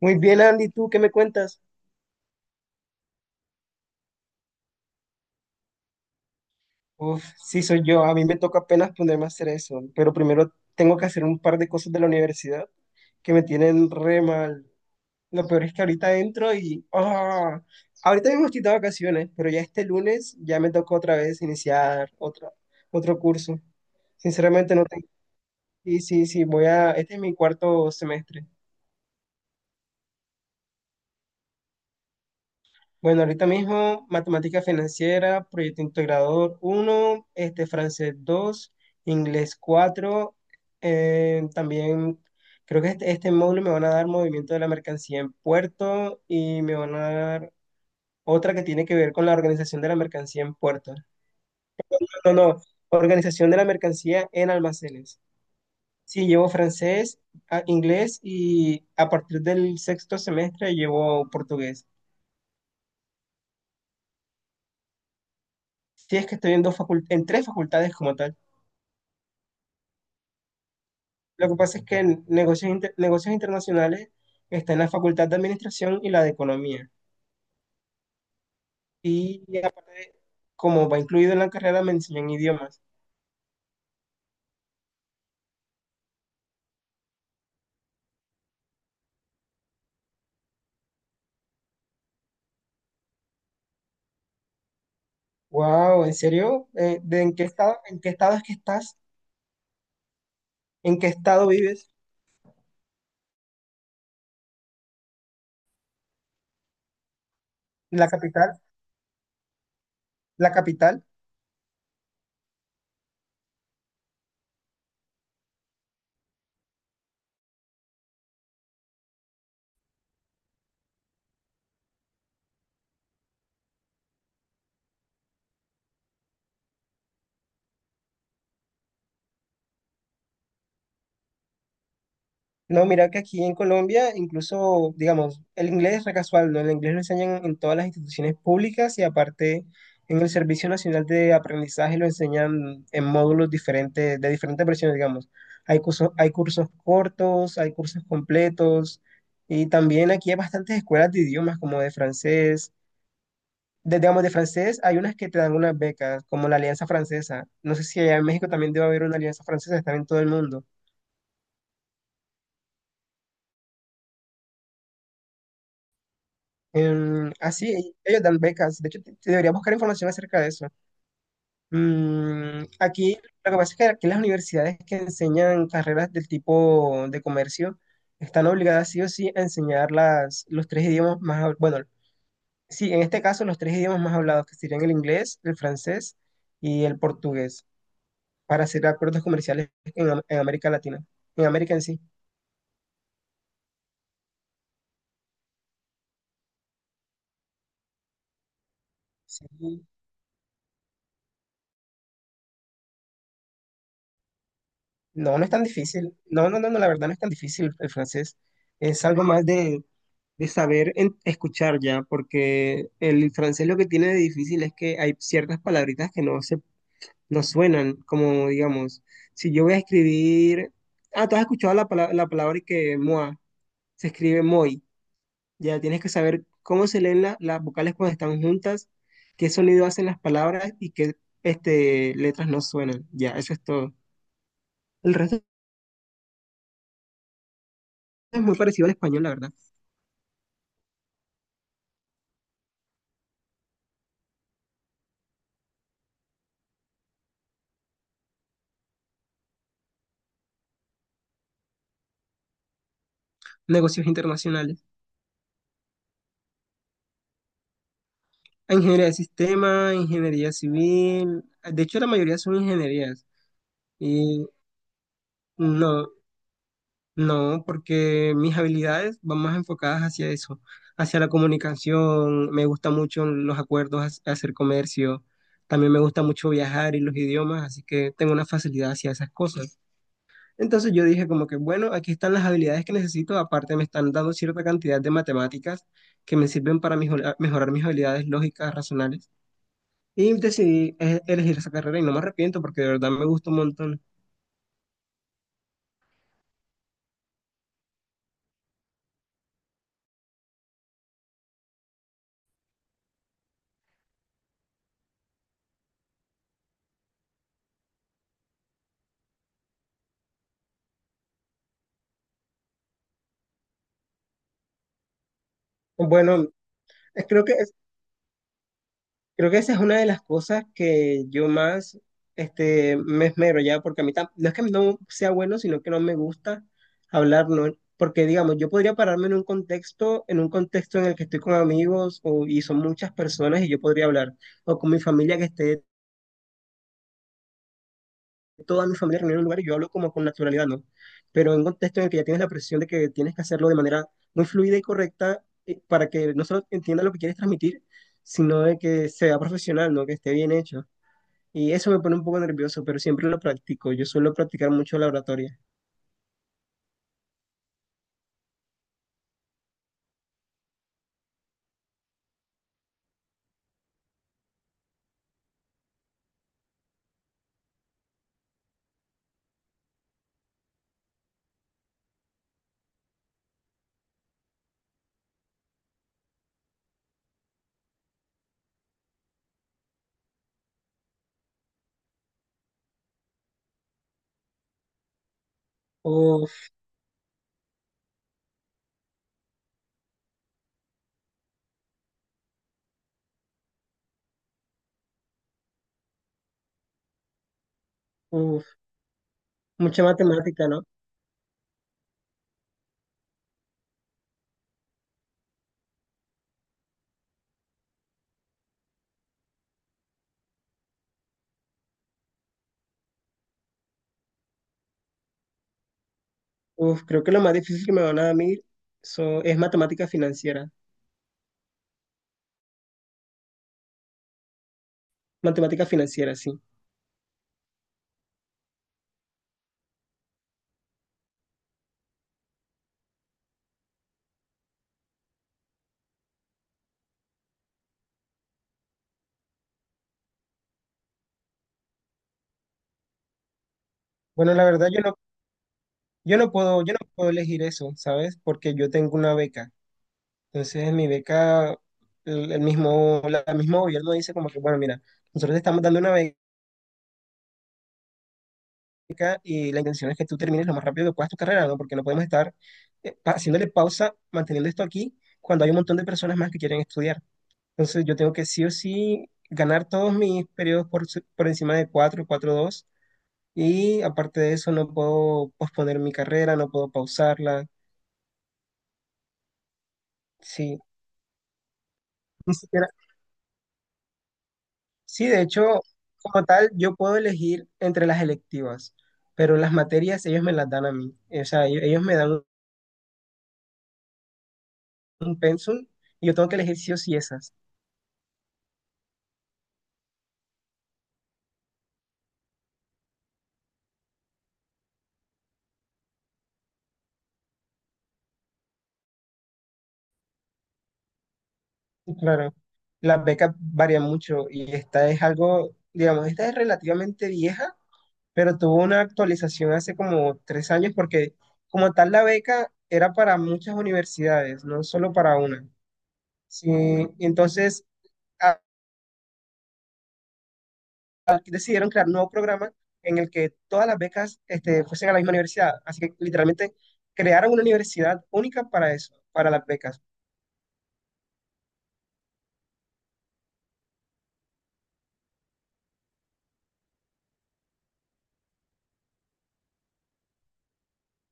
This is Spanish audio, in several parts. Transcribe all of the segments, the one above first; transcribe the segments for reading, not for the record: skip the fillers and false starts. Muy bien, Andy, ¿tú qué me cuentas? Uf, sí soy yo, a mí me toca apenas ponerme a hacer eso, pero primero tengo que hacer un par de cosas de la universidad que me tienen re mal. Lo peor es que ahorita entro. Ahorita mismo estoy de vacaciones, pero ya este lunes ya me tocó otra vez iniciar otro curso. Sinceramente no tengo. Sí, sí, sí. Este es mi cuarto semestre. Bueno, ahorita mismo matemática financiera, proyecto integrador uno, francés 2, inglés 4, también creo que este módulo me van a dar movimiento de la mercancía en puerto y me van a dar otra que tiene que ver con la organización de la mercancía en puerto. No, no, organización de la mercancía en almacenes. Sí, llevo francés, inglés y a partir del sexto semestre llevo portugués. Sí, es que estoy en en tres facultades como tal. Lo que pasa es que en negocios internacionales está en la Facultad de Administración y la de Economía. Y aparte, como va incluido en la carrera, me enseñan idiomas. Wow, ¿en serio? ¿De en qué estado es que estás? ¿En qué estado vives? ¿La capital? ¿La capital? No, mira que aquí en Colombia, incluso, digamos, el inglés es re casual, ¿no? El inglés lo enseñan en todas las instituciones públicas y aparte en el Servicio Nacional de Aprendizaje lo enseñan en módulos diferentes, de diferentes versiones, digamos. Hay cursos cortos, hay cursos completos y también aquí hay bastantes escuelas de idiomas como de francés. Digamos, de francés hay unas que te dan unas becas, como la Alianza Francesa. No sé si allá en México también debe haber una Alianza Francesa, están en todo el mundo. Así, ellos dan becas. De hecho, te debería buscar información acerca de eso. Mm, aquí, lo que pasa es que aquí las universidades que enseñan carreras del tipo de comercio están obligadas sí o sí a enseñar los tres idiomas más, bueno, sí, en este caso los tres idiomas más hablados, que serían el inglés, el francés y el portugués, para hacer acuerdos comerciales en América Latina, en América en sí. Sí. No, no es tan difícil. No, no, no, no, la verdad no es tan difícil el francés. Es algo más de, saber escuchar ya, porque el francés lo que tiene de difícil es que hay ciertas palabritas que no suenan, como digamos, si yo voy a escribir, ah, tú has escuchado la palabra y que moi, se escribe moi, ya tienes que saber cómo se leen las vocales cuando están juntas, qué sonido hacen las palabras y qué letras no suenan, ya, eso es todo. El resto es muy parecido al español, la verdad. Negocios internacionales. A Ingeniería de sistema, ingeniería civil. De hecho, la mayoría son ingenierías. Y no, no, porque mis habilidades van más enfocadas hacia eso, hacia la comunicación. Me gusta mucho los acuerdos, hacer comercio. También me gusta mucho viajar y los idiomas, así que tengo una facilidad hacia esas cosas. Entonces yo dije como que, bueno, aquí están las habilidades que necesito, aparte me están dando cierta cantidad de matemáticas que me sirven para mejorar mis habilidades lógicas, racionales. Y decidí elegir esa carrera y no me arrepiento porque de verdad me gusta un montón. Bueno, eh, creo que, es- creo que esa es una de las cosas que yo más me esmero ya, porque a mí no es que no sea bueno, sino que no me gusta hablar, ¿no? Porque digamos, yo podría pararme en un contexto en el que estoy con amigos y son muchas personas y yo podría hablar, o con mi familia que esté toda mi familia reunida en un lugar y yo hablo como con naturalidad, ¿no? Pero en un contexto en el que ya tienes la presión de que tienes que hacerlo de manera muy fluida y correcta para que no solo entienda lo que quieres transmitir, sino de que sea profesional, ¿no? Que esté bien hecho. Y eso me pone un poco nervioso, pero siempre lo practico. Yo suelo practicar mucho la oratoria. Uf, uf, mucha matemática, ¿no? Uf, creo que lo más difícil que me van a dar a mí es matemática financiera. Matemática financiera, sí. Bueno, la verdad yo no puedo elegir eso, ¿sabes? Porque yo tengo una beca. Entonces, en mi beca, el mismo gobierno dice como que, bueno, mira, nosotros te estamos dando una beca y la intención es que tú termines lo más rápido que puedas tu carrera, ¿no? Porque no podemos estar haciéndole pausa, manteniendo esto aquí, cuando hay un montón de personas más que quieren estudiar. Entonces, yo tengo que sí o sí ganar todos mis periodos por encima de 4 4 dos. Y aparte de eso, no puedo posponer mi carrera, no puedo pausarla. Sí. Ni siquiera. Sí, de hecho, como tal, yo puedo elegir entre las electivas, pero las materias ellos me las dan a mí. O sea, ellos me dan un pensum y yo tengo que elegir sí o sí esas. Y, claro, las becas varían mucho y esta es algo, digamos, esta es relativamente vieja, pero tuvo una actualización hace como 3 años porque como tal la beca era para muchas universidades, no solo para una. Sí, entonces decidieron crear un nuevo programa en el que todas las becas fuesen a la misma universidad. Así que literalmente crearon una universidad única para eso, para las becas.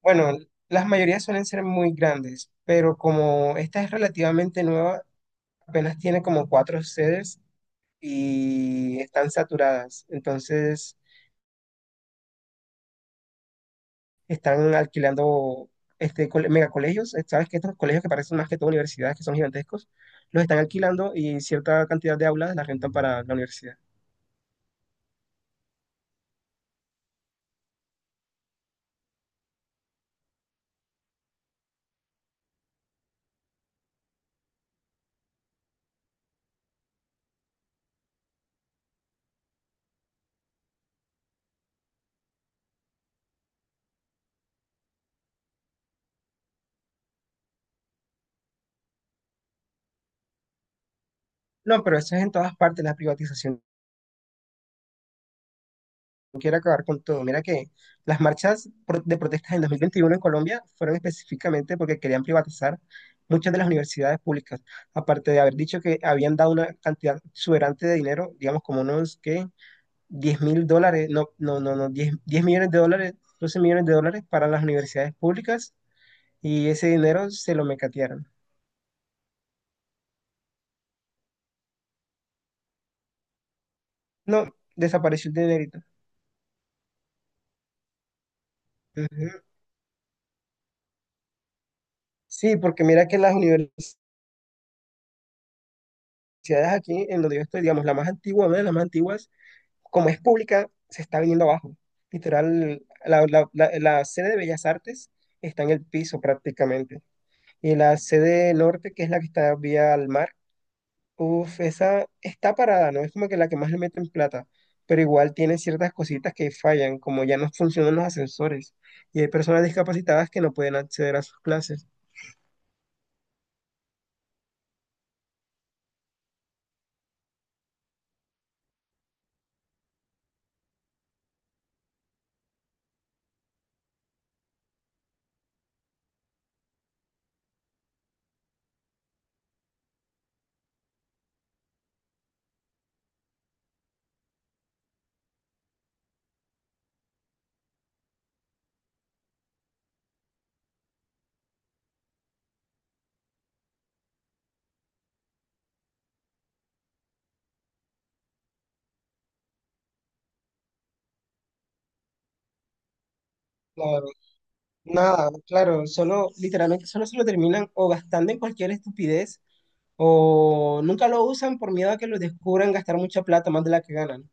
Bueno, las mayorías suelen ser muy grandes, pero como esta es relativamente nueva, apenas tiene como cuatro sedes y están saturadas. Entonces están alquilando megacolegios. Sabes que estos colegios que parecen más que todo universidades, que son gigantescos, los están alquilando y cierta cantidad de aulas las rentan para la universidad. No, pero eso es en todas partes, la privatización quiere acabar con todo. Mira que las marchas de protestas en 2021 en Colombia fueron específicamente porque querían privatizar muchas de las universidades públicas, aparte de haber dicho que habían dado una cantidad exuberante de dinero, digamos como unos que 10.000 dólares, no, no, no, no, diez millones de dólares, 12 millones de dólares para las universidades públicas y ese dinero se lo mecatearon. No, desapareció el dinerito. Ujú. Sí, porque mira que las universidades aquí en donde yo estoy, digamos, la más antigua, una de las más antiguas, como es pública, se está viniendo abajo. Literal, la sede de Bellas Artes está en el piso prácticamente. Y la sede norte, que es la que está vía al mar, uff, esa está parada, ¿no? Es como que la que más le meten plata. Pero igual tiene ciertas cositas que fallan, como ya no funcionan los ascensores. Y hay personas discapacitadas que no pueden acceder a sus clases. Claro, nada, claro, solo, literalmente, solo se lo terminan o gastando en cualquier estupidez o nunca lo usan por miedo a que los descubran gastar mucha plata más de la que ganan.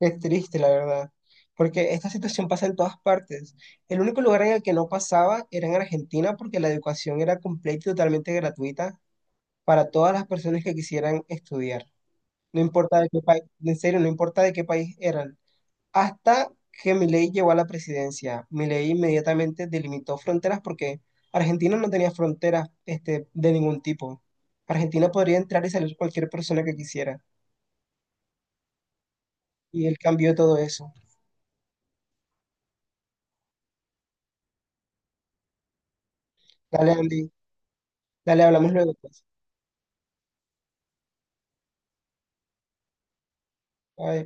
Es triste, la verdad, porque esta situación pasa en todas partes. El único lugar en el que no pasaba era en Argentina porque la educación era completa y totalmente gratuita para todas las personas que quisieran estudiar. No importa de qué país, en serio, no importa de qué país eran. Hasta que Milei llegó a la presidencia. Milei inmediatamente delimitó fronteras porque Argentina no tenía fronteras de ningún tipo. Argentina podría entrar y salir cualquier persona que quisiera. Y él cambió todo eso. Dale, Andy. Dale, hablamos luego, pues. Bye.